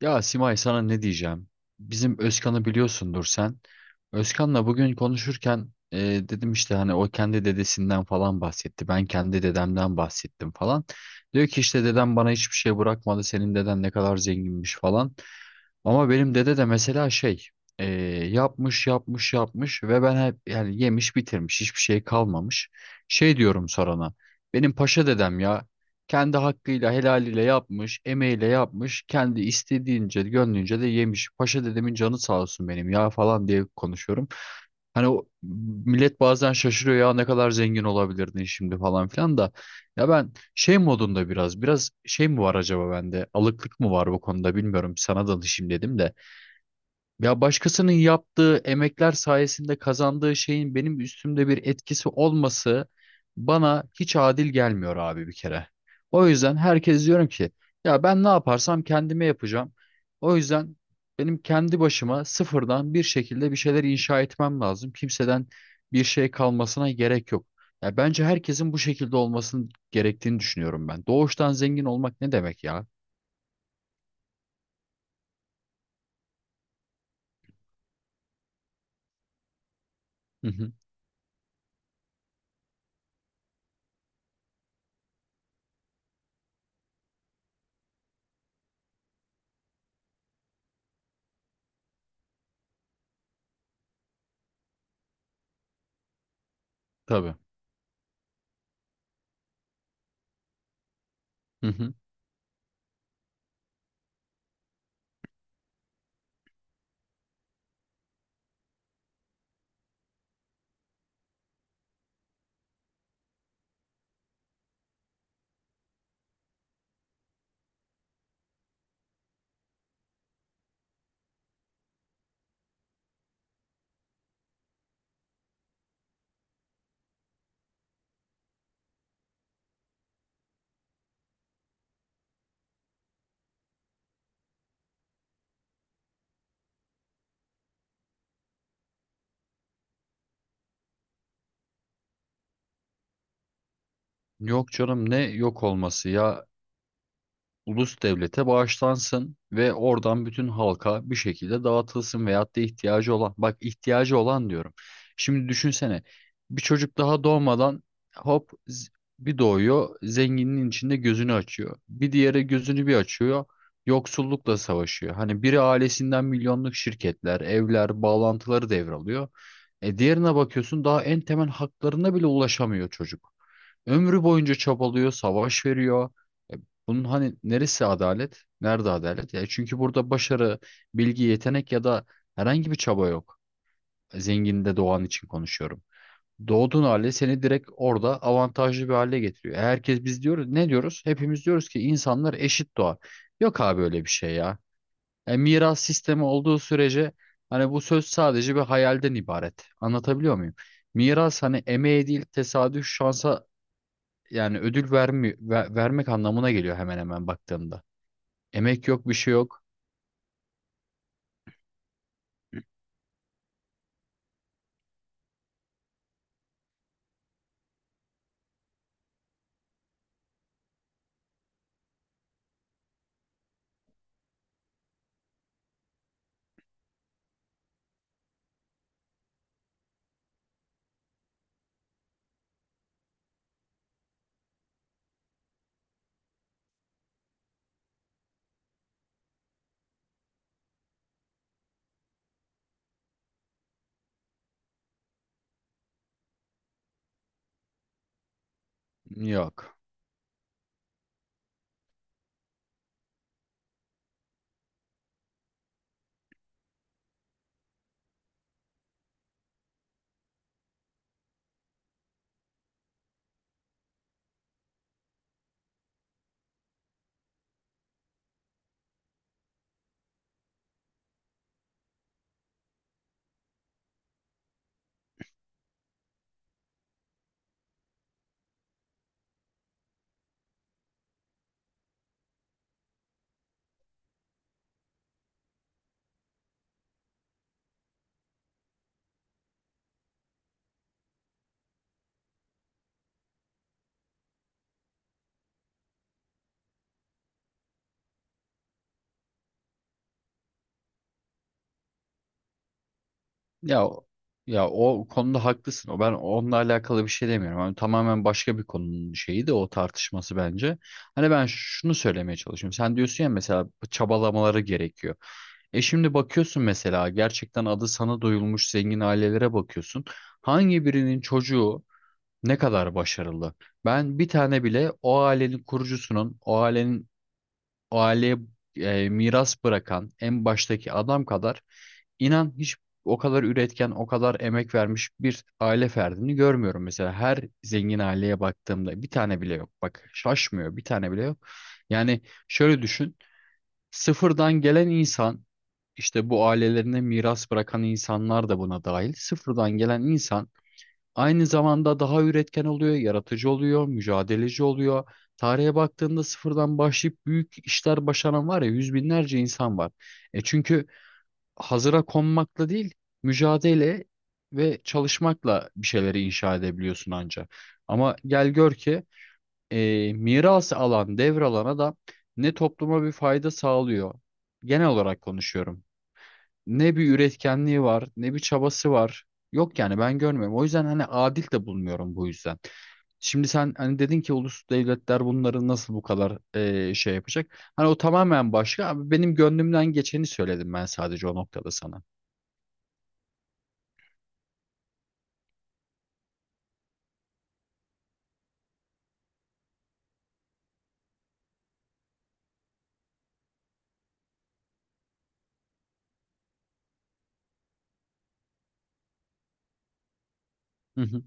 Ya Simay, sana ne diyeceğim? Bizim Özkan'ı biliyorsundur sen. Özkan'la bugün konuşurken dedim işte hani o kendi dedesinden falan bahsetti. Ben kendi dedemden bahsettim falan. Diyor ki işte dedem bana hiçbir şey bırakmadı. Senin deden ne kadar zenginmiş falan. Ama benim dede de mesela şey e, yapmış ve ben hep yani yemiş bitirmiş hiçbir şey kalmamış. Şey diyorum sorana, benim paşa dedem ya, kendi hakkıyla helaliyle yapmış, emeğiyle yapmış, kendi istediğince gönlünce de yemiş. Paşa dedemin canı sağ olsun benim ya falan diye konuşuyorum. Hani o, millet bazen şaşırıyor ya ne kadar zengin olabilirdin şimdi falan filan da, ya ben şey modunda biraz şey mi var acaba bende? Alıklık mı var bu konuda bilmiyorum. Sana danışayım dedim de. Ya başkasının yaptığı emekler sayesinde kazandığı şeyin benim üstümde bir etkisi olması bana hiç adil gelmiyor abi bir kere. O yüzden herkes diyorum ki, ya ben ne yaparsam kendime yapacağım. O yüzden benim kendi başıma sıfırdan bir şekilde bir şeyler inşa etmem lazım. Kimseden bir şey kalmasına gerek yok. Ya bence herkesin bu şekilde olmasını gerektiğini düşünüyorum ben. Doğuştan zengin olmak ne demek ya? Hı hı, tabii. Hı hı. Yok canım, ne yok olması ya, ulus devlete bağışlansın ve oradan bütün halka bir şekilde dağıtılsın veyahut da ihtiyacı olan, bak ihtiyacı olan diyorum. Şimdi düşünsene, bir çocuk daha doğmadan hop z- bir doğuyor zenginin içinde gözünü açıyor. Bir diğeri gözünü bir açıyor, yoksullukla savaşıyor. Hani biri ailesinden milyonluk şirketler, evler, bağlantıları devralıyor. E diğerine bakıyorsun daha en temel haklarına bile ulaşamıyor çocuk. Ömrü boyunca çabalıyor, savaş veriyor. E, bunun hani neresi adalet? Nerede adalet? Ya çünkü burada başarı, bilgi, yetenek ya da herhangi bir çaba yok. Zenginde doğan için konuşuyorum. Doğduğun hali seni direkt orada avantajlı bir hale getiriyor. E, herkes biz diyoruz, ne diyoruz? Hepimiz diyoruz ki insanlar eşit doğar. Yok abi öyle bir şey ya. E, miras sistemi olduğu sürece hani bu söz sadece bir hayalden ibaret. Anlatabiliyor muyum? Miras hani emeğe değil, tesadüf şansa yani ödül vermek anlamına geliyor hemen hemen baktığımda. Emek yok, bir şey yok. Yok. Ya o- ya o konuda haklısın. O, ben onunla alakalı bir şey demiyorum. Hani tamamen başka bir konunun şeyi de o tartışması bence. Hani ben şunu söylemeye çalışıyorum. Sen diyorsun ya mesela çabalamaları gerekiyor. E şimdi bakıyorsun mesela gerçekten adı sana duyulmuş zengin ailelere bakıyorsun. Hangi birinin çocuğu ne kadar başarılı? Ben bir tane bile o ailenin kurucusunun, o ailenin o aileye miras bırakan en baştaki adam kadar, inan hiç o kadar üretken, o kadar emek vermiş bir aile ferdini görmüyorum. Mesela her zengin aileye baktığımda bir tane bile yok. Bak şaşmıyor, bir tane bile yok. Yani şöyle düşün. Sıfırdan gelen insan, işte bu ailelerine miras bırakan insanlar da buna dahil. Sıfırdan gelen insan aynı zamanda daha üretken oluyor, yaratıcı oluyor, mücadeleci oluyor. Tarihe baktığında sıfırdan başlayıp büyük işler başaran var ya, yüz binlerce insan var. E çünkü hazıra konmakla değil, mücadele ve çalışmakla bir şeyleri inşa edebiliyorsun anca. Ama gel gör ki miras alan, devralan adam ne topluma bir fayda sağlıyor. Genel olarak konuşuyorum, ne bir üretkenliği var, ne bir çabası var. Yok yani, ben görmüyorum. O yüzden hani adil de bulmuyorum bu yüzden. Şimdi sen hani dedin ki ulus devletler bunları nasıl bu kadar şey yapacak? Hani o tamamen başka. Abi benim gönlümden geçeni söyledim ben sadece o noktada sana. Hı hı,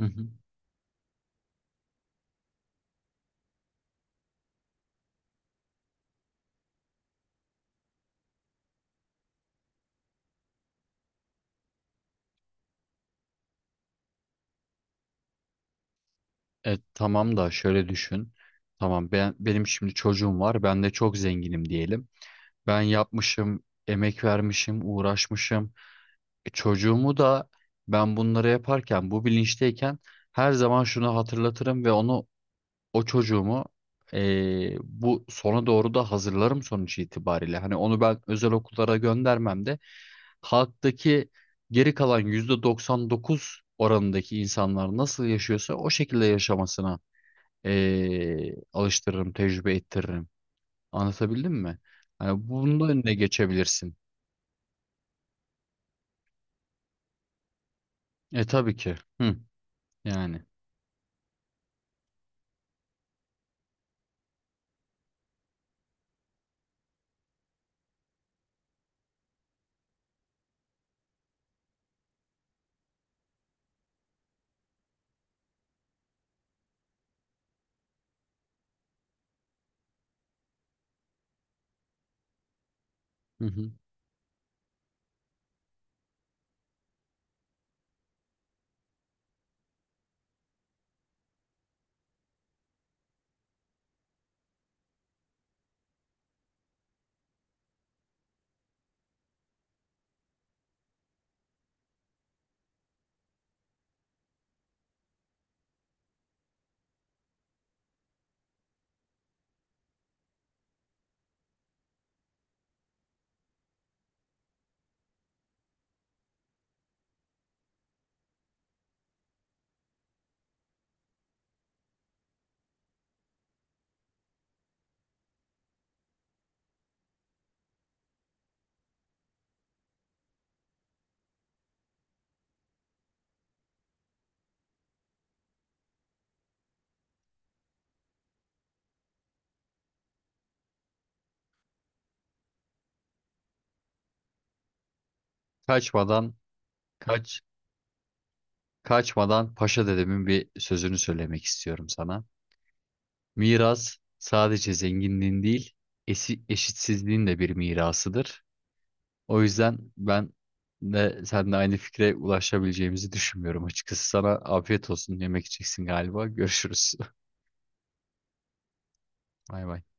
hı hı. E, tamam da şöyle düşün. Tamam, ben, benim şimdi çocuğum var. Ben de çok zenginim diyelim. Ben yapmışım, emek vermişim, uğraşmışım. E, çocuğumu da ben bunları yaparken bu bilinçteyken her zaman şunu hatırlatırım ve onu, o çocuğumu, bu sona doğru da hazırlarım sonuç itibariyle. Hani onu ben özel okullara göndermem de halktaki geri kalan %99 oranındaki insanlar nasıl yaşıyorsa o şekilde yaşamasına alıştırırım, tecrübe ettiririm. Anlatabildim mi? Hani bunun da önüne geçebilirsin. E tabii ki. Hı, yani. Hı hı. Kaçmadan Kaç kaçmadan Paşa dedemin bir sözünü söylemek istiyorum sana. Miras sadece zenginliğin değil, eşitsizliğin de bir mirasıdır. O yüzden ben de seninle aynı fikre ulaşabileceğimizi düşünmüyorum açıkçası. Sana afiyet olsun. Yemek yiyeceksin galiba. Görüşürüz. Bay bay.